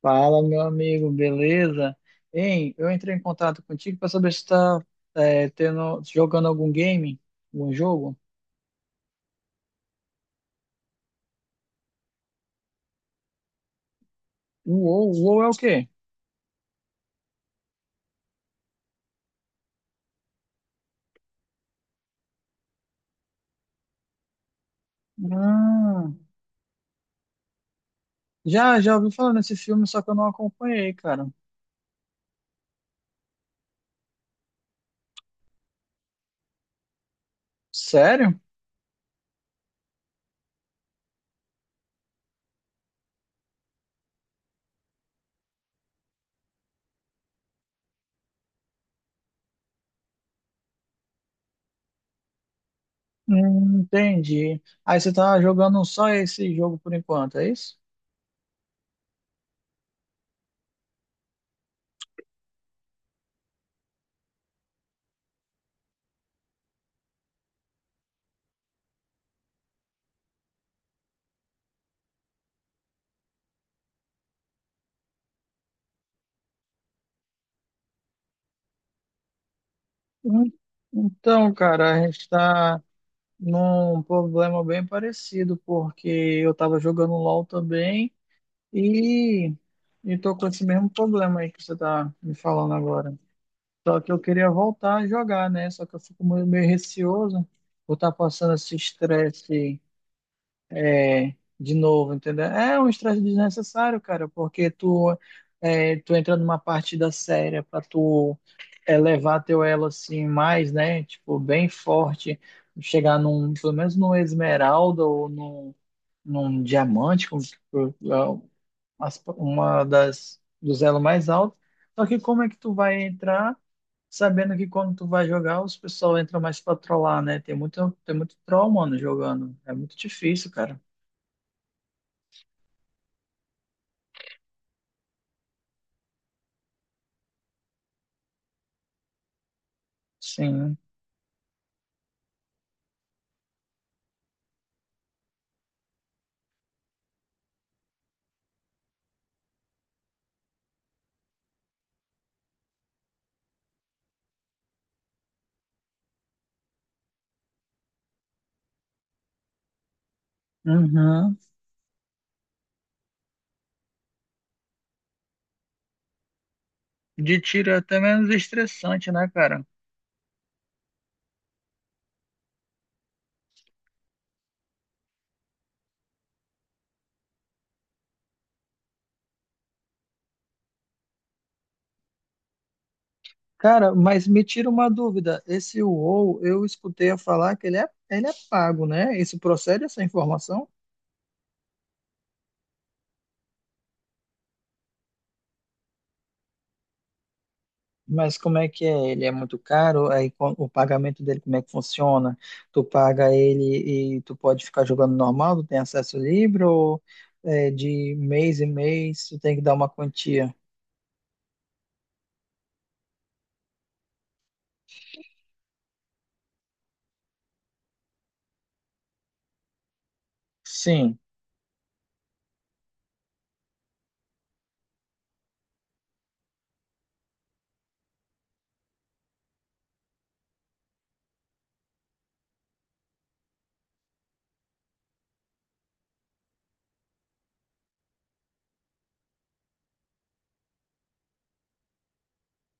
Fala, meu amigo, beleza? Hein, eu entrei em contato contigo para saber se está tendo, jogando algum game, algum jogo. O WoW é o quê? Hum. Já ouvi falar nesse filme, só que eu não acompanhei, cara. Sério? Entendi. Aí você tá jogando só esse jogo por enquanto, é isso? Hum, Então, cara, a gente está num problema bem parecido, porque eu tava jogando LoL também. E estou com esse mesmo problema aí que você está me falando agora. Só que eu queria voltar a jogar, né? Só que eu fico meio, meio receoso por estar passando esse estresse é, de novo, entendeu? É um estresse desnecessário, cara, porque tu, é, tu entra numa partida séria para tu elevar teu elo assim mais, né? Tipo, bem forte, chegar num, pelo menos num esmeralda ou num, num diamante, como, as- uma das dos elos mais altos. Só que como é que tu vai entrar sabendo que quando tu vai jogar, os pessoal entra mais pra trollar, né? Tem muito troll, mano, jogando. É muito difícil, cara. Sim. Uhum. De tiro é até menos estressante, né, cara? Cara, mas me tira uma dúvida. Esse WoW, eu escutei a falar que ele é pago, né? Isso procede essa informação? Mas como é que é? Ele é muito caro? Aí o pagamento dele, como é que funciona? Tu paga ele e tu pode ficar jogando normal, tu tem acesso livre ou é, de mês em mês tu tem que dar uma quantia? Sim.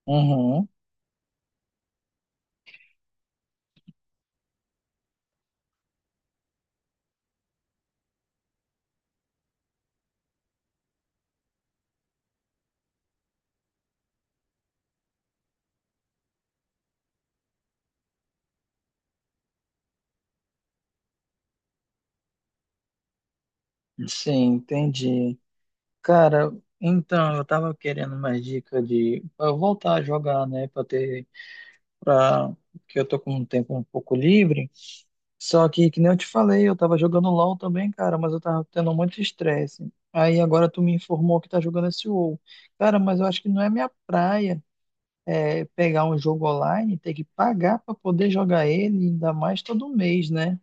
Uhum. Sim, entendi. Cara, então eu tava querendo mais dica de pra eu voltar a jogar, né, Pra ter para que eu tô com um tempo um pouco livre. Só que nem eu te falei, eu tava jogando LoL também, cara, mas eu tava tendo muito estresse. Aí agora tu me informou que tá jogando esse WoW. Cara, mas eu acho que não é minha praia pegar um jogo online, ter que pagar pra poder jogar ele, ainda mais todo mês, né?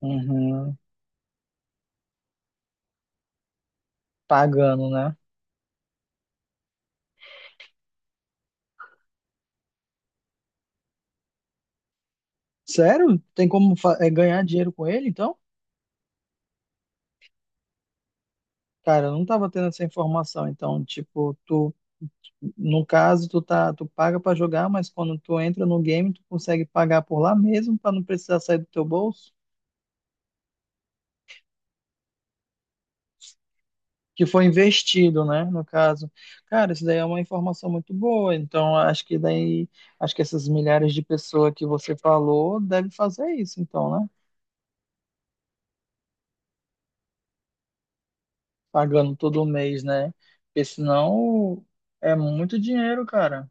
Uhum. Pagando, né? Sério? Tem como ganhar dinheiro com ele, então? Cara, eu não tava tendo essa informação. Então, tipo, tu no caso, tu paga para jogar, mas quando tu entra no game, tu consegue pagar por lá mesmo para não precisar sair do teu bolso, que foi investido, né, no caso. Cara, isso daí é uma informação muito boa. Então, acho que essas milhares de pessoas que você falou devem fazer isso, então, né? Pagando todo mês, né? Porque senão é muito dinheiro, cara.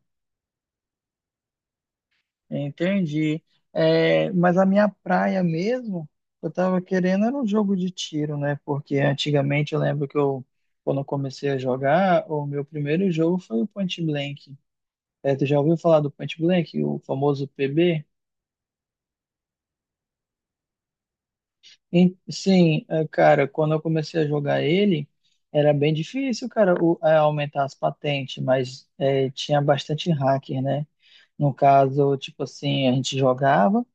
Entendi. É, mas a minha praia mesmo, eu tava querendo era um jogo de tiro, né? Porque antigamente eu lembro quando eu comecei a jogar, o meu primeiro jogo foi o Point Blank. É, tu já ouviu falar do Point Blank, o famoso PB? E, sim, é, cara, quando eu comecei a jogar ele, era bem difícil, cara, aumentar as patentes, mas tinha bastante hacker, né? No caso, tipo assim, a gente jogava.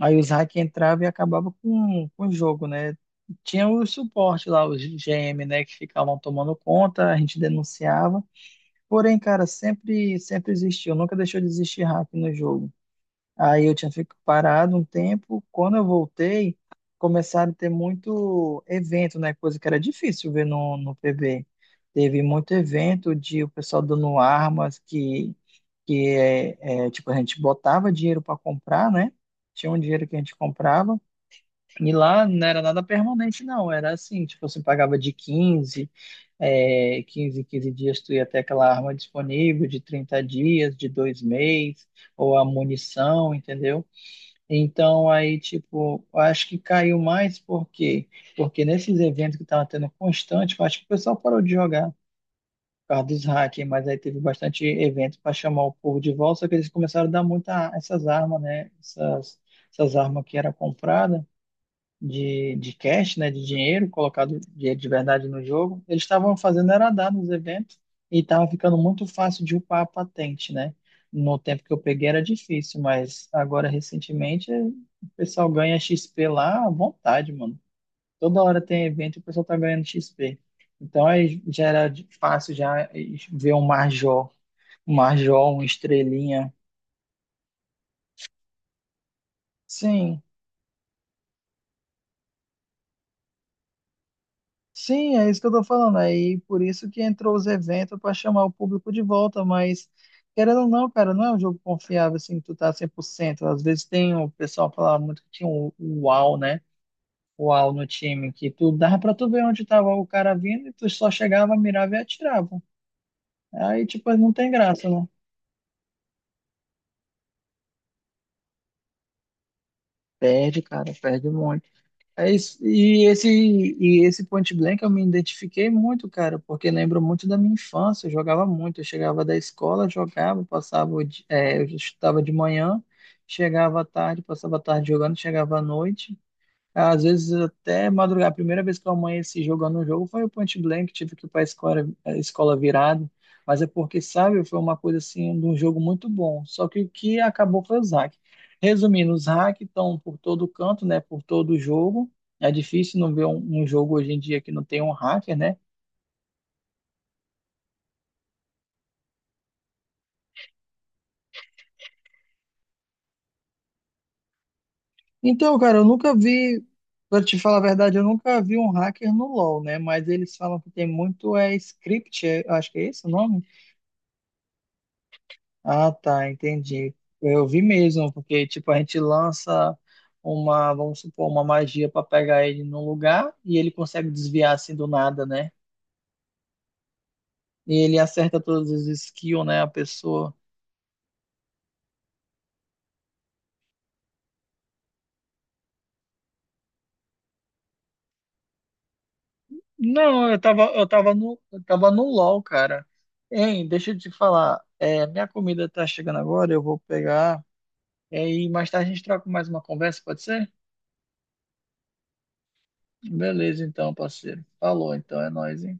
Aí os hack entravam e acabavam com o jogo, né? Tinha o suporte lá, os GM, né, que ficavam tomando conta, a gente denunciava. Porém, cara, sempre, sempre existiu, nunca deixou de existir hack no jogo. Aí eu tinha ficado parado um tempo. Quando eu voltei, começaram a ter muito evento, né? Coisa que era difícil ver no, no PB. Teve muito evento de o pessoal dando armas que, tipo, a gente botava dinheiro para comprar, né? Tinha um dinheiro que a gente comprava. E lá não era nada permanente, não. Era assim, tipo, você pagava de 15 é, 15 15 dias tu ia ter aquela arma disponível, de 30 dias, de 2 meses ou a munição, entendeu? Então, aí, tipo, eu acho que caiu mais porque nesses eventos que estavam tendo constante, eu acho que o pessoal parou de jogar por causa dos hackers, mas aí teve bastante evento para chamar o povo de volta, só que eles começaram a dar muita essas armas, né? Essas, essas armas que eram compradas de cash, né, de dinheiro, colocado dinheiro de verdade no jogo, eles estavam fazendo era dar nos eventos e estava ficando muito fácil de upar a patente, né? No tempo que eu peguei era difícil, mas agora recentemente o pessoal ganha XP lá à vontade, mano. Toda hora tem evento e o pessoal tá ganhando XP. Então aí já era fácil já ver um Marjol, um Estrelinha. Sim, sim, é isso que eu tô falando. Aí por isso que entrou os eventos para chamar o público de volta, mas querendo ou não, cara, não é um jogo confiável assim, que tu tá 100%. Às vezes tem o pessoal falava muito que tinha o UAU, né? O UAU no time, que tu dava pra tu ver onde tava o cara vindo e tu só chegava, mirava e atirava. Aí, tipo, não tem graça, né? Perde, cara, perde muito. É isso. E esse Point Blank eu me identifiquei muito, cara, porque lembro muito da minha infância. Eu jogava muito. Eu chegava da escola, jogava, passava, eu estudava de manhã, chegava à tarde, passava a tarde jogando, chegava à noite. Às vezes até madrugar. A primeira vez que eu amanheci jogando um jogo foi o Point Blank, tive que ir para a escola virado. Mas é porque, sabe, foi uma coisa assim, de um jogo muito bom. Só que o que acabou foi os hacks. Resumindo, os hacks estão por todo canto, né? Por todo jogo. É difícil não ver um jogo hoje em dia que não tem um hacker, né? Então, cara, eu nunca vi, para te falar a verdade, eu nunca vi um hacker no LoL, né? Mas eles falam que tem muito é script, acho que é esse o nome? Ah, tá, entendi. Eu vi mesmo, porque tipo a gente lança uma, vamos supor, uma magia para pegar ele num lugar e ele consegue desviar assim do nada, né? E ele acerta todos os skills, né, a pessoa. Não, eu tava no LOL, cara. Hein, deixa eu te falar, minha comida tá chegando agora, eu vou pegar e mais tarde a gente troca mais uma conversa, pode ser? Beleza, então, parceiro. Falou, então, é nóis, hein?